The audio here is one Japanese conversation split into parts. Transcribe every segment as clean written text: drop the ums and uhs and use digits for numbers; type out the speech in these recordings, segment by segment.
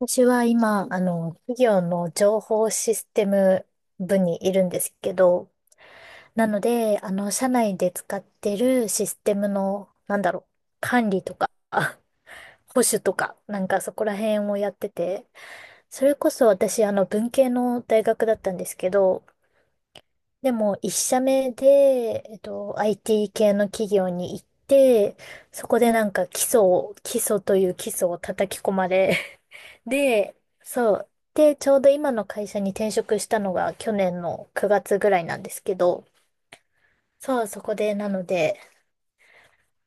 私は今、企業の情報システム部にいるんですけど、なので、社内で使ってるシステムの、なんだろう、管理とか、保守とか、なんかそこら辺をやってて、それこそ私、文系の大学だったんですけど、でも、一社目で、IT 系の企業に行って、そこでなんか基礎を、基礎という基礎を叩き込まれ、で、そう。で、ちょうど今の会社に転職したのが去年の9月ぐらいなんですけど、そう、そこで、なので、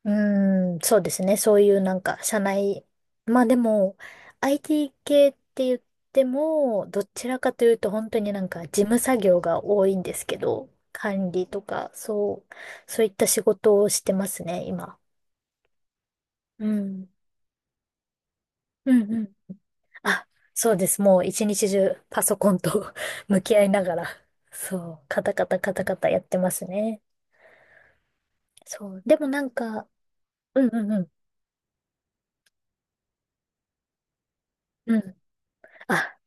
うそうですね、そういうなんか、社内、まあでも、IT 系って言っても、どちらかというと、本当になんか、事務作業が多いんですけど、管理とか、そう、そういった仕事をしてますね、今。うん。うん、うん、あ、そうです。もう一日中パソコンと 向き合いながら、そう、カタカタカタカタやってますね。そう。でもなんか、うんうんうん、うん。あ、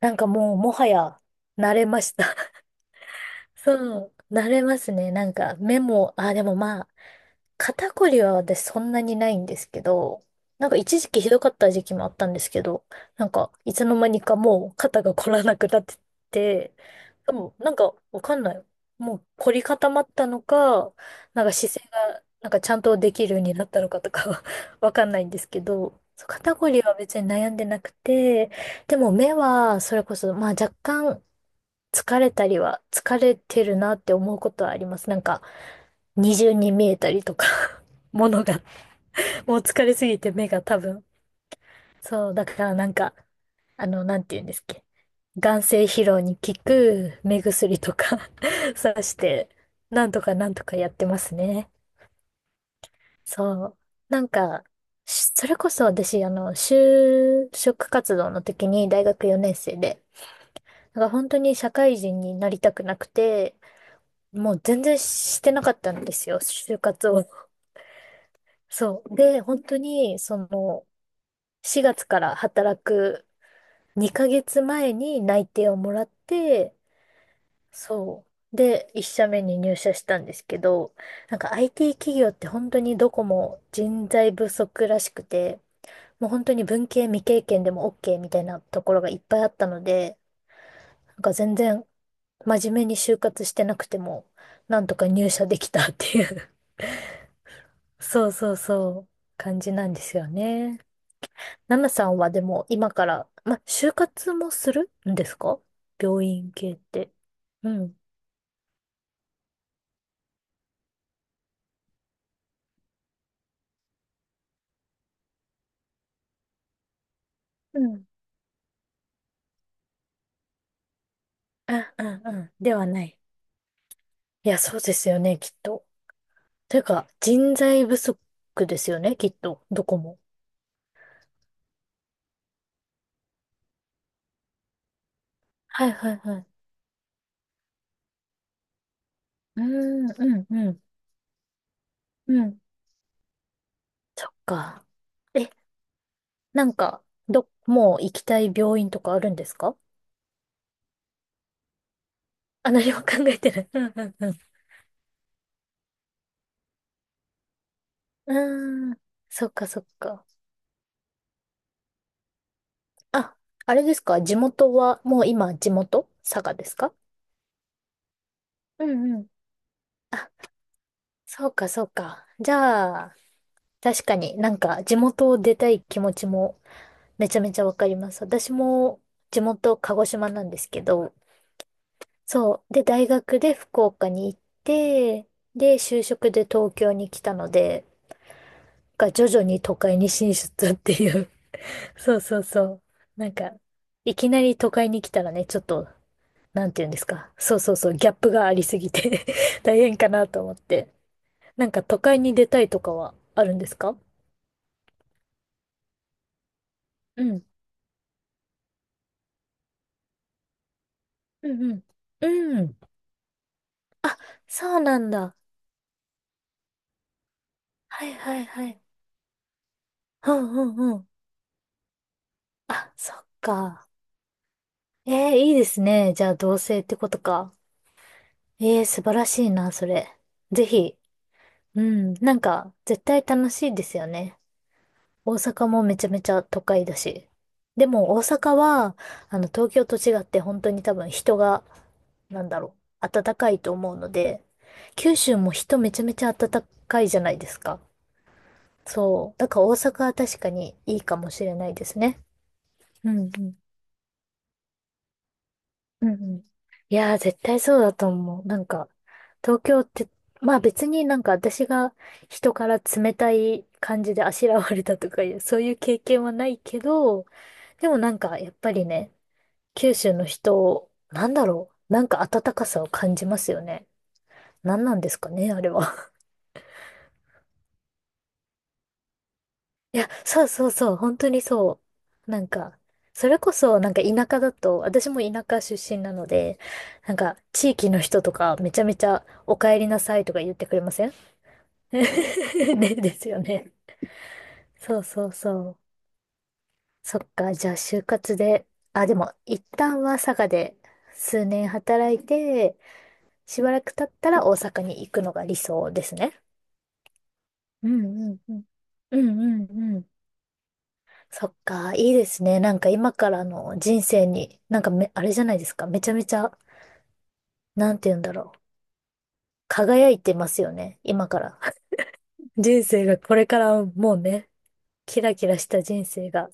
なんかもうもはや慣れました。そう、慣れますね。なんかメモ、あ、でもまあ、肩こりは私そんなにないんですけど、なんか一時期ひどかった時期もあったんですけど、なんかいつの間にかもう肩が凝らなくなってて、でもなんかわかんない。もう凝り固まったのか、なんか姿勢がなんかちゃんとできるようになったのかとかは わかんないんですけど、そう肩こりは別に悩んでなくて、でも目はそれこそまあ若干疲れたりは疲れてるなって思うことはあります。なんか二重に見えたりとか、ものが、もう疲れすぎて目が多分。そう、だからなんか、なんて言うんですっけ。眼精疲労に効く目薬とか さして、なんとかなんとかやってますね。そう。なんか、それこそ私、就職活動の時に大学4年生で、なんか本当に社会人になりたくなくて、もう全然してなかったんですよ、就活を。そう。で、本当に、その、4月から働く2ヶ月前に内定をもらって、そう。で、1社目に入社したんですけど、なんか IT 企業って本当にどこも人材不足らしくて、もう本当に文系未経験でも OK みたいなところがいっぱいあったので、なんか全然真面目に就活してなくても、なんとか入社できたっていう そうそうそう、感じなんですよね。ナナさんはでも今から、ま、就活もするんですか？病院系って。うん。うん。あ、うん、うん。ではない。いや、そうですよね、きっと。というか、人材不足ですよね、きっと。どこも。はい、はい、はい。うーん、うん、うん、うん。そっか。え、なんか、もう行きたい病院とかあるんですか？あ、何も考えてない。うん、うん、うん。うーん、そっか、そっか。あ、あれですか？地元は、もう今地元佐賀ですか？うんうん。そうか、そうか。じゃあ、確かになんか地元を出たい気持ちもめちゃめちゃわかります。私も地元鹿児島なんですけど、そう。で、大学で福岡に行って、で、就職で東京に来たので、が徐々に都会に進出っていう。そうそうそう。なんか、いきなり都会に来たらね、ちょっとなんて言うんですか。そうそうそう、ギャップがありすぎて 大変かなと思って。なんか都会に出たいとかはあるんですか？うん。うんうん。うん。あ、そうなんだ。はいはいはい。うんうんうん。あ、そっか。いいですね。じゃあ同棲ってことか。素晴らしいな、それ。ぜひ。うん。なんか、絶対楽しいですよね。大阪もめちゃめちゃ都会だし。でも大阪は、東京と違って本当に多分人が、なんだろう、暖かいと思うので、九州も人めちゃめちゃ暖かいじゃないですか。そう。だから大阪は確かにいいかもしれないですね。うんうん。うんうん、いやー、絶対そうだと思う。なんか、東京って、まあ別になんか私が人から冷たい感じであしらわれたとかいう、そういう経験はないけど、でもなんかやっぱりね、九州の人、なんだろう、なんか温かさを感じますよね。何なんですかね、あれは。いや、そうそうそう、本当にそう。なんか、それこそ、なんか田舎だと、私も田舎出身なので、なんか、地域の人とか、めちゃめちゃ、お帰りなさいとか言ってくれません？ ね、ですよね。そうそうそう。そっか、じゃあ、就活で、あ、でも、一旦は佐賀で、数年働いて、しばらく経ったら大阪に行くのが理想ですね。うんうんうん。うんうんうん。そっか、いいですね。なんか今からの人生に、なんかめ、あれじゃないですか。めちゃめちゃ、なんて言うんだろう。輝いてますよね。今から。人生が、これからもうね、キラキラした人生が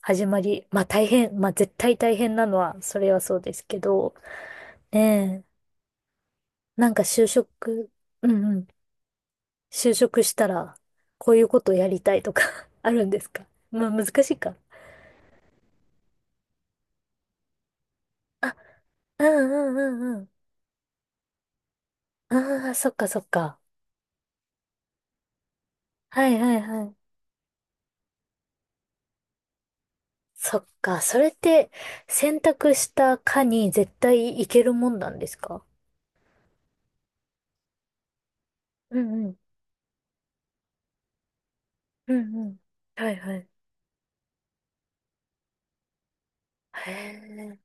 始まり、まあ大変、まあ絶対大変なのは、それはそうですけど、ねえ、なんか就職、うんうん、就職したら、こういうことをやりたいとか あるんですか？まあ難しいか。あ、うんうんうんうん。ああ、そっかそっか。はいはいはい。そっか、それって選択した科に絶対行けるもんなんですか？うんうん。うんうん。はいはい。へえ、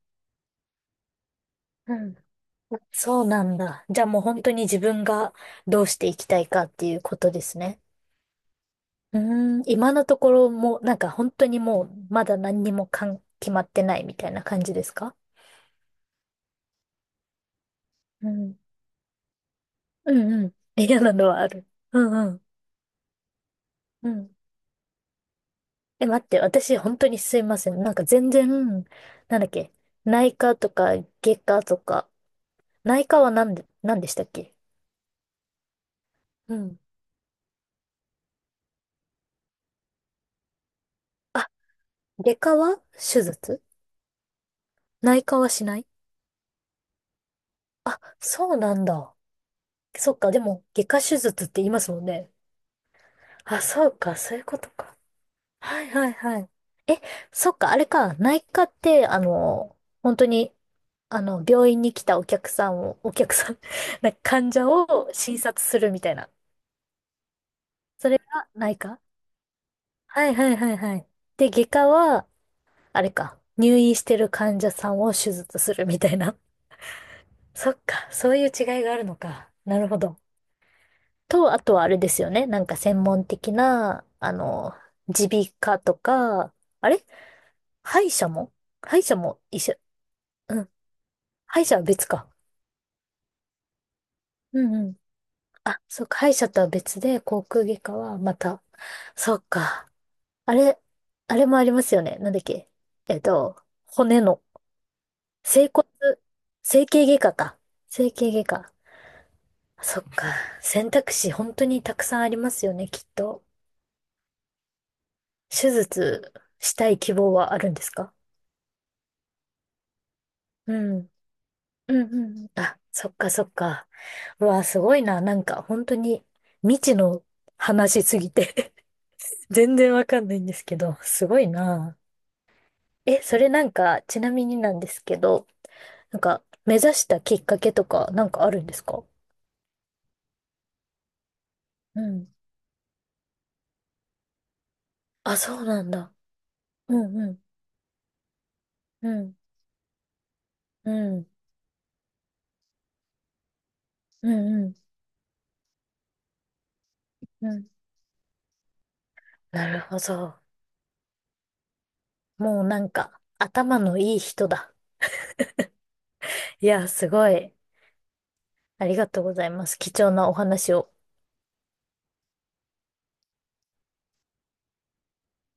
うん。そうなんだ。じゃあもう本当に自分がどうしていきたいかっていうことですね。うーん、今のところもなんか本当にもうまだ何にもかん、決まってないみたいな感じですか？うん。うんうん。嫌なのはある。うんうんうん。え、待って、私、本当にすいません。なんか全然、なんだっけ、内科とか外科とか、内科はなんで、なんでしたっけ？うん。あ、外科は手術？内科はしない？あ、そうなんだ。そっか、でも、外科手術って言いますもんね。あ、そうか、そういうことか。はいはいはい。え、そっか、あれか、内科って、本当に、病院に来たお客さんを、お客さん、なんか患者を診察するみたいな。それが内科？はいはいはいはい。で、外科は、あれか、入院してる患者さんを手術するみたいな。そっか、そういう違いがあるのか。なるほど。と、あとはあれですよね。なんか専門的な、耳鼻科とか、あれ、歯医者も、歯医者も医者、うん。歯医者は別か。うんうん。あ、そっか、歯医者とは別で、口腔外科はまた、そっか。あれ、あれもありますよね。なんだっけ？えっと、骨の整骨、整形外科か。整形外科。そっか。選択肢本当にたくさんありますよね、きっと。手術したい希望はあるんですか？うん。うんうんうん。あ、そっかそっか。うわ、すごいな。なんか本当に未知の話すぎて 全然わかんないんですけど、すごいな。え、それなんか、ちなみになんですけど、なんか目指したきっかけとかなんかあるんですか？うん。あ、そうなんだ。うんうん。うんうん、うん、うん、うん。なるほど。もうなんか、頭のいい人だ。いや、すごい。ありがとうございます。貴重なお話を。